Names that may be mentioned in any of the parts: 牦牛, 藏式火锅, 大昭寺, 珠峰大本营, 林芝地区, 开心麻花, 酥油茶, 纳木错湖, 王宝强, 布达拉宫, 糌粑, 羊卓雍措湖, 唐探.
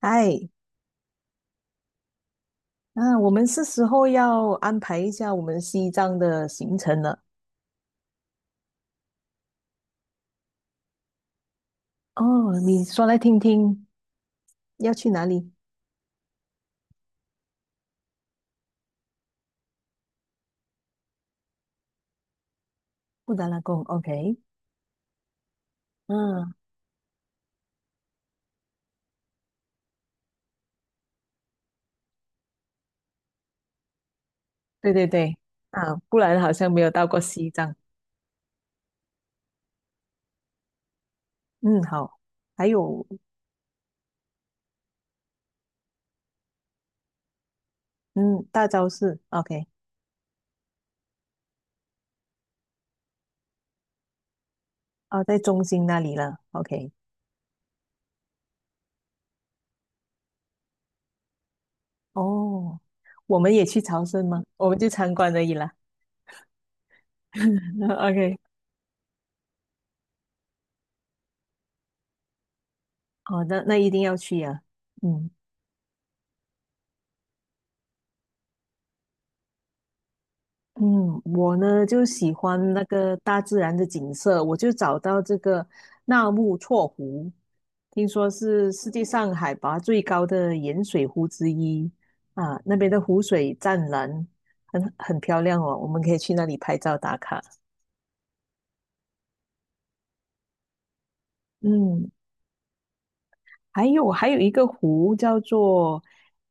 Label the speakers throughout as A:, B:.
A: 哎，那我们是时候要安排一下我们西藏的行程了。哦，你说来听听，要去哪里？布达拉宫，OK。嗯，对对对，啊，不然好像没有到过西藏。嗯，好。还有，嗯，大昭寺，OK。啊，在中心那里了，OK。哦，我们也去朝圣吗？我们就参观而已啦。OK。哦，那一定要去呀、啊嗯。嗯，我呢就喜欢那个大自然的景色，我就找到这个纳木错湖，听说是世界上海拔最高的盐水湖之一啊，那边的湖水湛蓝，很漂亮哦，我们可以去那里拍照打卡。嗯，还有一个湖叫做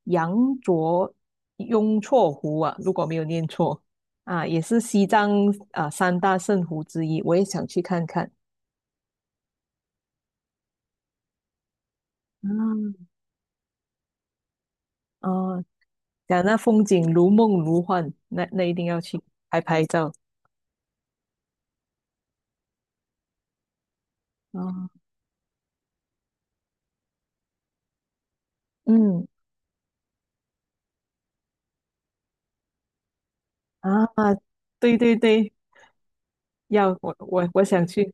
A: 羊卓雍措湖啊，如果没有念错啊，也是西藏啊三大圣湖之一，我也想去看看。啊，哦，讲那风景如梦如幻，那一定要去拍拍照。哦，嗯，啊，对对对，要我想去。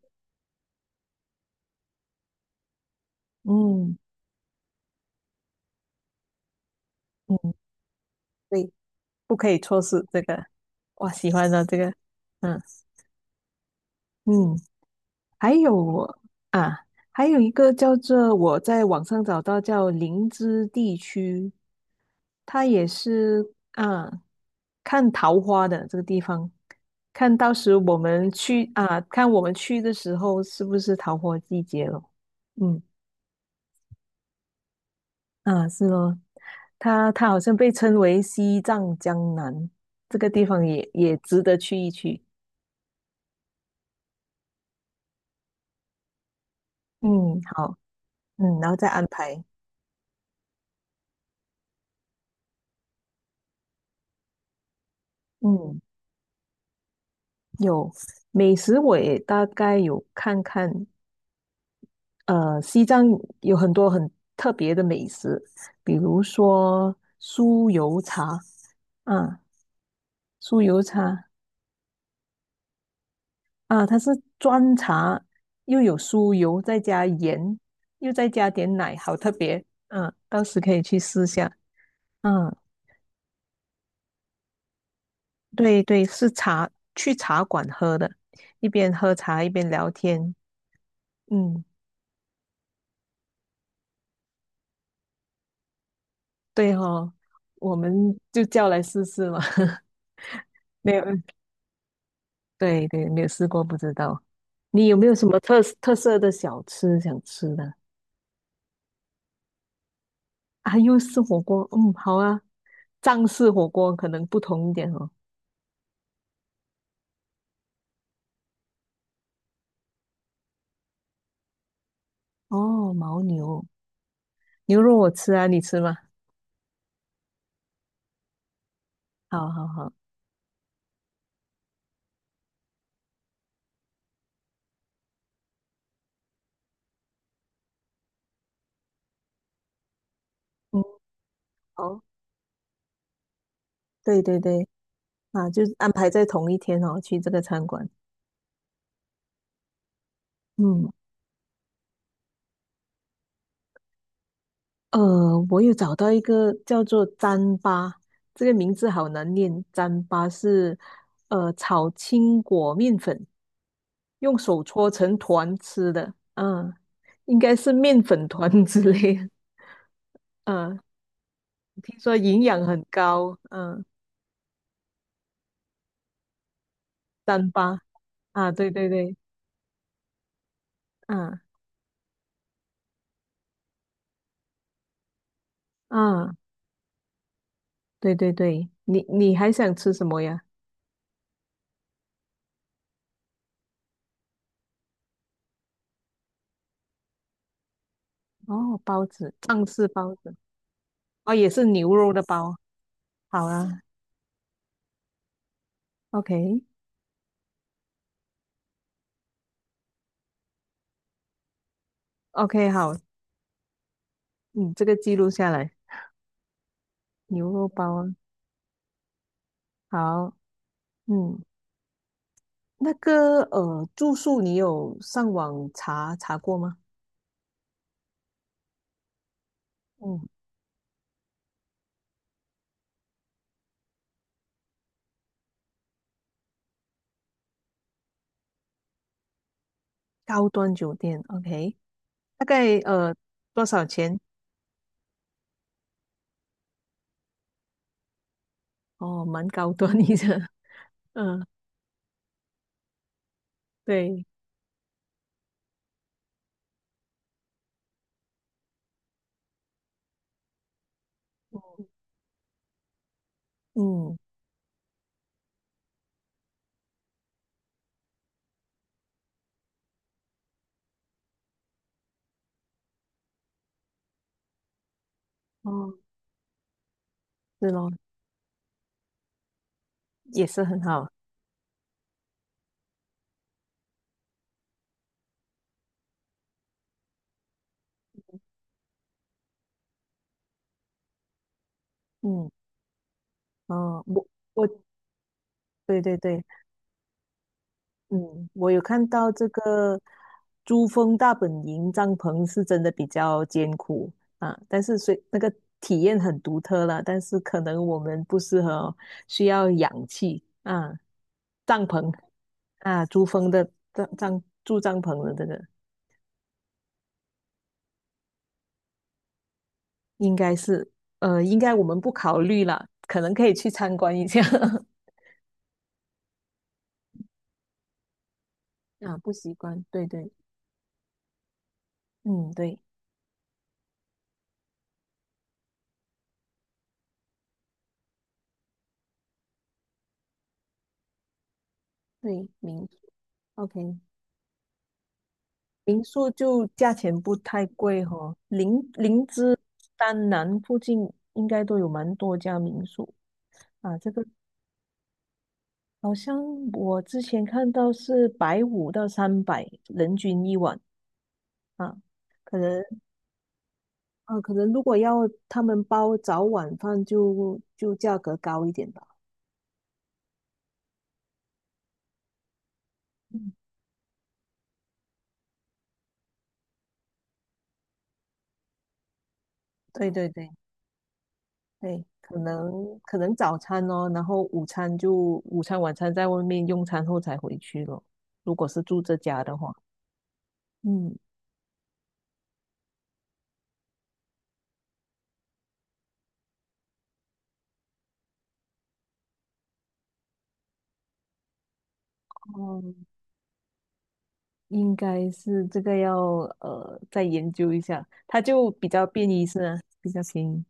A: 嗯嗯，对，不可以错失这个。哇，喜欢的这个，嗯嗯。还有啊，还有一个叫做我在网上找到叫林芝地区，它也是啊，看桃花的这个地方，看到时我们去啊，看我们去的时候是不是桃花季节了？嗯啊，是咯，它好像被称为西藏江南，这个地方也值得去一去。嗯，好，嗯，然后再安排。嗯。有美食，我也大概有看看。西藏有很多很特别的美食，比如说酥油茶啊，酥油茶啊，它是砖茶，又有酥油，再加盐，又再加点奶，好特别。嗯、到时可以去试下。嗯、对对，是茶，去茶馆喝的，一边喝茶一边聊天。嗯，对哦，我们就叫来试试嘛。没有，嗯对对，没有试过，不知道。你有没有什么特色的小吃想吃的？啊，又是火锅，嗯，好啊。藏式火锅可能不同一点哦。哦，牦牛牛肉我吃啊，你吃吗？好好好，嗯，哦，对对对，啊，就安排在同一天哦，去这个餐馆。嗯，我有找到一个叫做糌粑，这个名字好难念。糌粑是炒青果面粉，用手搓成团吃的。嗯，应该是面粉团 之类的嗯，听说营养很高。嗯，糌粑啊，对对对，嗯嗯，对对对，你还想吃什么呀？哦，包子，藏式包子，哦，也是牛肉的包。好啊，OK OK，好。嗯，这个记录下来，牛肉包啊，好，嗯，那个住宿你有上网查查过吗？嗯，高端酒店，OK，大概多少钱？哦，蛮高端一的，嗯，对，嗯，哦，是咯，也是很好，嗯，哦，我对对对。嗯，我有看到这个珠峰大本营帐篷是真的比较艰苦啊，但是虽那个体验很独特了，但是可能我们不适合哦需要氧气啊，帐篷啊，珠峰的住帐篷的这个应该是应该我们不考虑了，可能可以去参观一下 啊，不习惯，对对嗯，对，对，OK。民宿就价钱不太贵哈、林芝、丹南附近应该都有蛮多家民宿啊。这个好像我之前看到是150到300人均一晚啊，可能啊，可能如果要他们包早晚饭就价格高一点吧。嗯，对对对对，可能早餐哦，然后午餐晚餐在外面用餐后才回去咯。如果是住这家的话。嗯，哦，应该是这个要再研究一下，它就比较便宜是吗？比较便宜，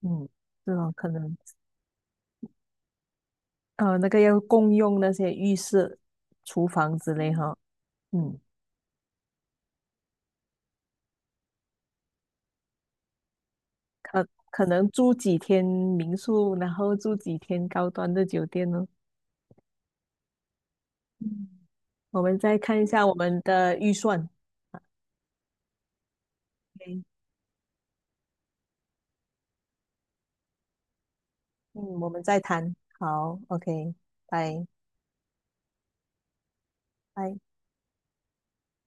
A: 嗯，是哦，可能那个要共用那些浴室、厨房之类哈，嗯，可能住几天民宿，然后住几天高端的酒店呢？嗯，我们再看一下我们的预算 o 嗯，我们再谈，好，OK，拜拜。